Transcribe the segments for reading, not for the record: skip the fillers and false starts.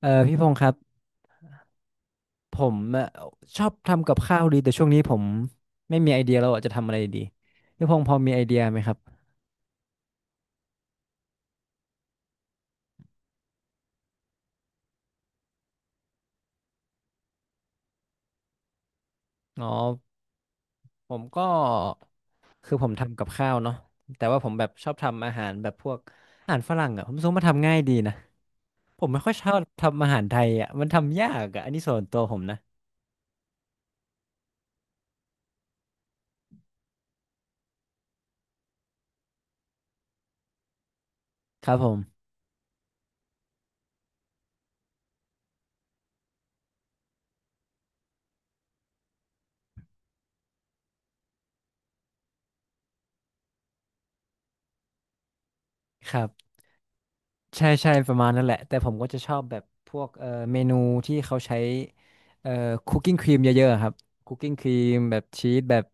เออพี่พงษ์ครับผมชอบทำกับข้าวดีแต่ช่วงนี้ผมไม่มีไอเดียแล้วอะจะทำอะไรดีพี่พงษ์พอมีไอเดียไหมครับอ๋อผมก็คือผมทำกับข้าวเนาะแต่ว่าผมแบบชอบทำอาหารแบบพวกอาหารฝรั่งอ่ะผมรู้สึกว่ามันทำง่ายดีนะผมไม่ค่อยชอบทำอาหารไทยอ่ะมันทำยากอ่ะอันนี้ส่วนตัวผมนะครับผมครับ ใช่ใช่ประมาณนั่นแหละแต่ผมก็จะชอบแบบพวกเมนูที่เขาใช้เอ่อคุกกิ้งครีมเยอะๆอะครับคุกกิ้งครีมแบบชีสแบบ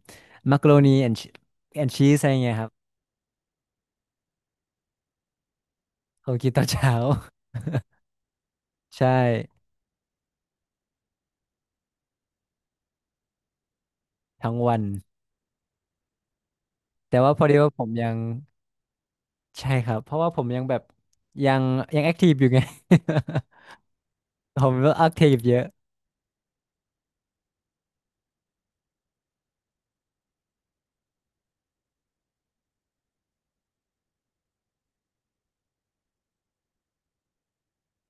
มักโรนีแอนแอนชีสอะไรเงี้ยครับเขากินตอนเช้า ใช่ทั้งวันแต่ว่าพอดีว่าผมยังใช่ครับเพราะว่าผมยังแบบยังยังแอคทีฟอยู่ไง ผมก็แอคทีฟเยอะ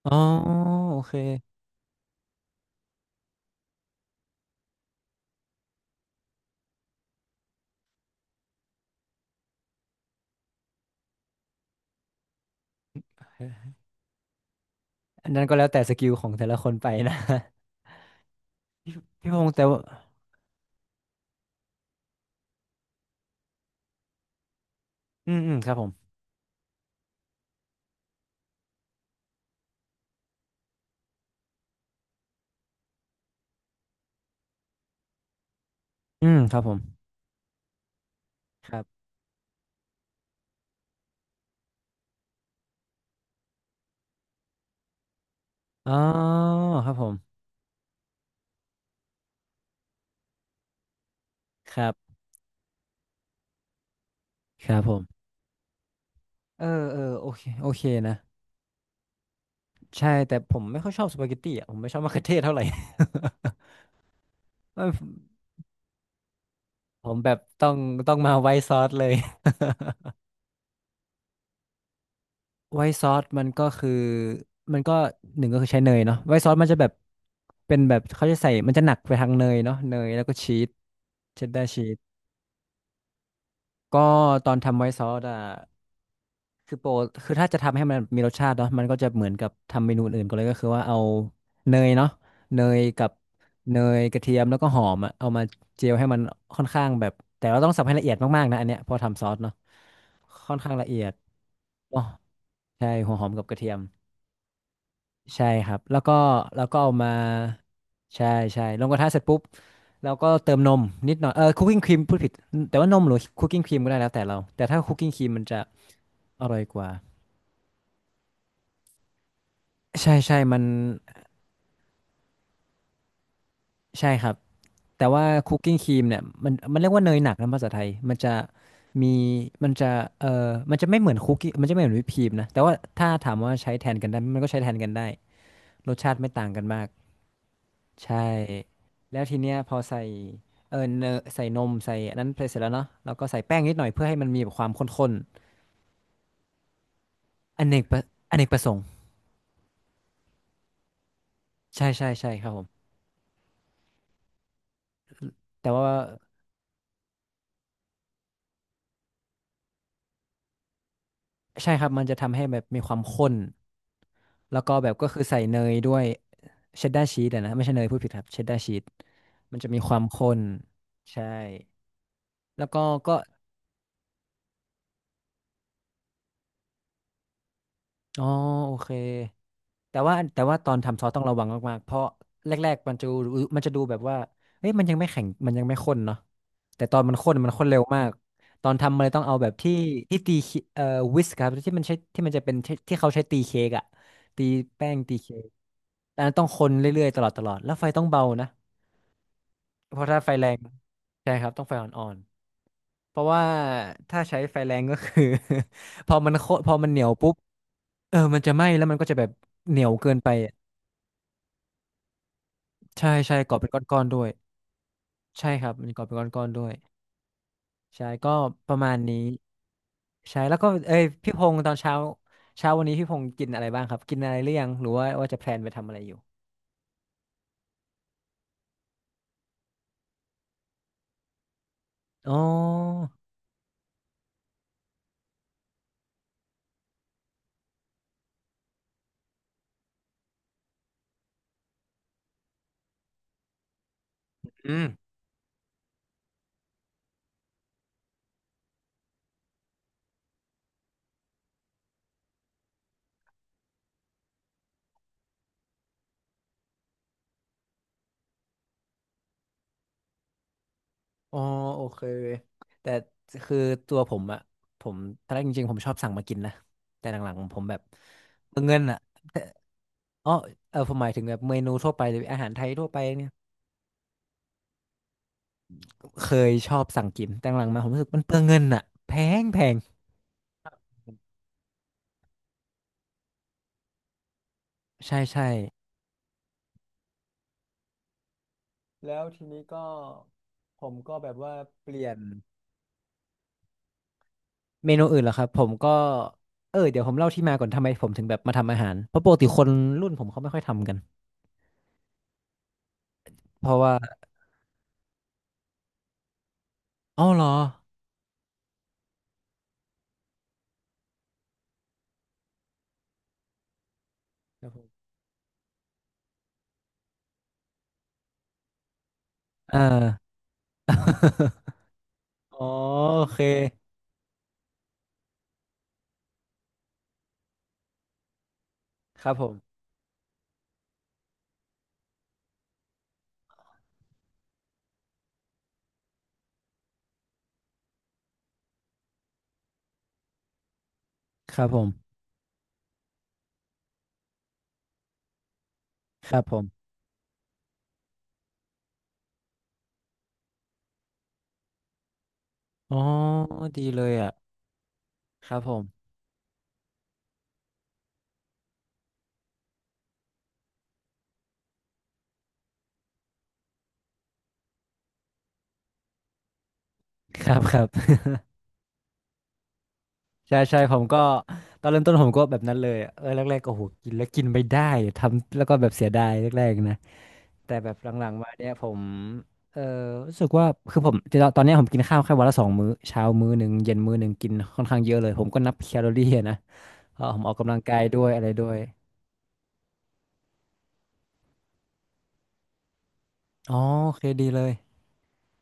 อ๋อโอเคอันนั้นก็แล้วแต่สกิลของแต่ละคนไปนะ พี่พงษ์แต่ว่าอืมอืมครับผมอืมครับผมครับ อ๋อครับผมครับครับผมเออเออโอเคโอเคนะใช่แต่ผมไม่ค่อยชอบสปาเกตตี้อ่ะผมไม่ชอบมะเขือเทศเท่าไหร่ มันผมแบบต้องต้องมาไวท์ซอสเลยไวท์ซอสมันก็คือมันก็หนึ่งก็คือใช้เนยเนาะไวท์ซอสมันจะแบบเป็นแบบเขาจะใส่มันจะหนักไปทางเนยเนาะเนยแล้วก็ชีสเชดดาร์ชีสก็ตอนทำไวท์ซอสอ่ะ คือโปรคือถ้าจะทำให้มันมีรสชาติเนาะมันก็จะเหมือนกับทำเมนูอื่นก็เลยก็คือว่าเอาเนยเนาะเนยกับเนยกระเทียมแล้วก็หอมอะเอามาเจียวให้มันค่อนข้างแบบแต่เราต้องสับให้ละเอียดมากๆนะอันเนี้ยเพอทำซอสเนาะค่อนข้างละเอียดอ๋อใช่หัวหอมกับกระเทียมใช่ครับแล้วก็แล้วก็เอามาใช่ใช่ลงกระทะเสร็จปุ๊บแล้วก็เติมนมนิดหน่อยคุกกิ้งครีมพูดผิดแต่ว่านมหรือคุกกิ้งครีมก็ได้แล้วแต่เราแต่ถ้าคุกกิ้งครีมมันจะอร่อยกว่า ใช่ใช่ มันใช่ครับ แต่ว่าคุกกิ้งครีมเนี่ยมันมันเรียกว่าเนยหนักนะภาษาไทย มันจะมีมันจะมันจะไม่เหมือนคุกกี้มันจะไม่เหมือนวิปครีมนะ แต่ว่าถ้าถามว่าใช้แทนกันได้ไหมมันก็ใช้แทนกันได้รสชาติไม่ต่างกันมากใช่แล้วทีเนี้ยพอใส่เนยใส่นมใส่อันนั้นไปเสร็จแล้วเนาะแล้วก็ใส่แป้งนิดหน่อยเพื่อให้มันมีแบบความข้นๆอเนกประสงค์ใช่ใช่ใช่ครับผมแต่ว่าใช่ครับมันจะทำให้แบบมีความข้น แล้วก็แบบก็คือใส่เนยด้วยเชดดาร์ชีสอะนะไม่ใช่เนยพูดผิดครับเชดดาร์ชีสมันจะมีความข้นใช่แล้วก็ก็อ๋อโอเคแต่ว่าแต่ว่าตอนทำซอสต้องระวังมากๆเพราะแรกๆมันจะรู้มันจะดูแบบว่าเอ้ยมันยังไม่แข็งมันยังไม่ข้นเนาะแต่ตอนมันข้นมันข้นเร็วมากตอนทำมันเลยต้องเอาแบบที่ที่ตีเค้กวิสครับที่มันใช้ที่มันจะเป็นที่ที่เขาใช้ตีเค้กอะตีแป้งตีเค้กแต่อันนั้นต้องคนเรื่อยๆตลอดตลอดแล้วไฟต้องเบานะ เพราะถ้าไฟแรงใช่ครับต้องไฟอ่อนๆเพราะว่าถ้าใช้ไฟแรงก็คือ พอมันโคพอมันเหนียวปุ๊บเออมันจะไหม้แล้วมันก็จะแบบเหนียวเกินไปอะใช่ใช่ก่อเป็นก้อนๆด้วยใช่ครับมันก่อเป็นก้อนๆด้วยใช่ก็ประมาณนี้ใช่แล้วก็เอ้ยพี่พงศ์ตอนเช้าเช้าวันนี้พี่พงศ์กินอะไรบ้างครับกินอะไรหรือยังหรือว่าว่าจะแพลนไปทำอะไรอยู่อ๋ออืม อ๋อโอเคแต่คือตัวผมอะผมตอนแรกจริงๆผมชอบสั่งมากินนะแต่หลังๆผมแบบเงินอะอ๋อเออผมหมายถึงแบบเมนูทั่วไปหรืออาหารไทยทั่วไปเนี่ยเคยชอบสั่งกินแต่หลังๆมาผมรู้สึกมันเปลืองเงินอะแพงแพงใช่ใช่แล้วทีนี้ก็ผมก็แบบว่าเปลี่ยนเมนูอื่นเหรอครับผมก็เออเดี๋ยวผมเล่าที่มาก่อนทำไมผมถึงแบบมาทำอาหารเพราะปกติคนรุ่นผมเขาไม่ค่อยทำกันเพราะว่าอ๋อเหรอครับผมเออ อ๋อโอเคครับผม ครับผม ครับผมอ๋อดีเลยอ่ะ ครับผม ครับครับ ใช่ใช่ผมก็ ตอนเริ่มต้นผมก็แบบนั้นเลยอะเออแรกๆก็โหกินแล้วกินไม่ได้ ทำแล้วก็แบบเสียดายแรกๆนะ แต่แบบหลังๆมาเนี่ยผม เออรู้สึกว่าคือผม ตอนเนี้ยผมกินข้าวแค่วันละ2 มื้อ เช้า1 มื้อเย็นมื้อหนึ่งกินค่อนข้างเยอะเลยผมก็นับแคลอรี่อะนะเพราะผมออกกำลังกายด้วยอะไรด้วยอ๋อโอเคดีเลย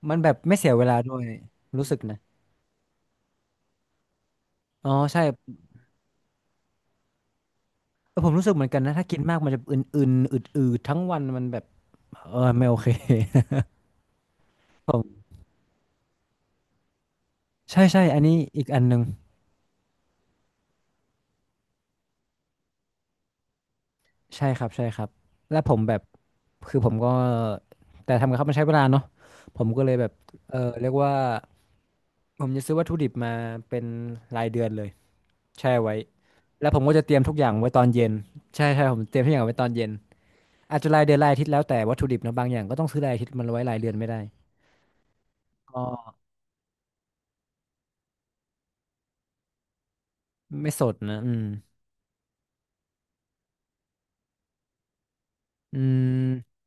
มันแบบไม่เสียเวลาด้วยรู้สึกนะ อ๋อใช่เออผมรู้สึกเหมือนกันนะถ้ากินมากมันจะอึนๆอืดๆทั้งวันมันแบบเออไม่โอเค ผมใช่ใช่อันนี้อีกอันหนึ่งใช่ครับใช่ครับแล้วผมแบบคือผมก็แต่ทำกับข้าวมันใช้เวลาเนาะผมก็เลยแบบเออเรียกว่าผมจะซื้อวัตถุดิบมาเป็นรายเดือนเลยแช่ไว้แล้วผมก็จะเตรียมทุกอย่างไว้ตอนเย็นใช่ใช่ผมเตรียมทุกอย่างไว้ตอนเย็นอาจจะรายเดือนรายอาทิตย์แล้วแต่วัตถุดิบนะบางอย่างก็ต้องซื้อรายอาทิตย์มันไว้รายเดือนไม่ได้ก็ไม่สดนะอืมอืม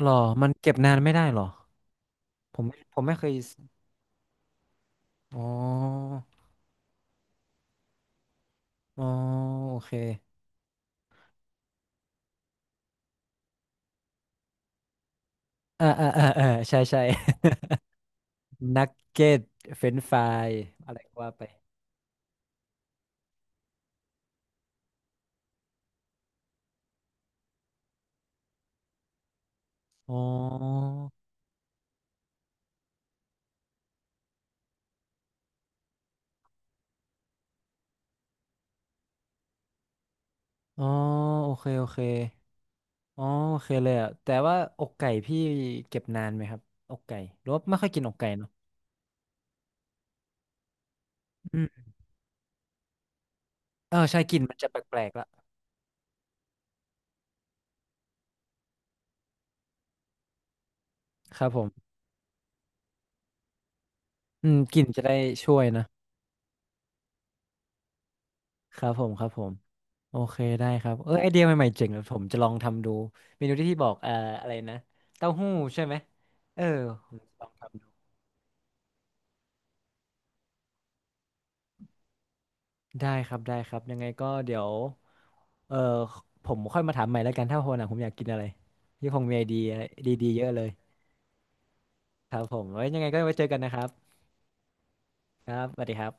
หรอมันเก็บนานไม่ได้หรอ ผมไม่เคยอ๋ออ๋อโอเคเออใช่ใช่ นักเก็ตเฟรนฟรายอะไรก็ว่าไปอ๋ออ๋อโอเคโอเคอ๋อโอเคเลยอ่ะแต่ว่าอกไก่พี่เก็บนานไหมครับอกไก่หรือว่าไม่ค่อยกินอกไก่เนาะอืมเออใช่กลิ่นมันจะแปลกๆละครับผม อืมกลิ่นจะได้ช่วยนะ ครับผม ครับผม โอเคได้ครับเออไอเดียใหม่ๆเจ๋งเลยวผมจะลองทำดูเมนูที่พี่บอกอะไรนะเต้าหู้ใช่ไหมเออผมจะลองทำดูได้ครับได้ครับยังไงก็เดี๋ยวเออผมค่อยมาถามใหม่แล้วกันถ้าวันหลังผมอยากกินอะไรพี่คงมีไอเดียดีๆเยอะเลยครับผมไว้ยังไงก็ไว้เจอกันนะครับครับสวัสดีครับ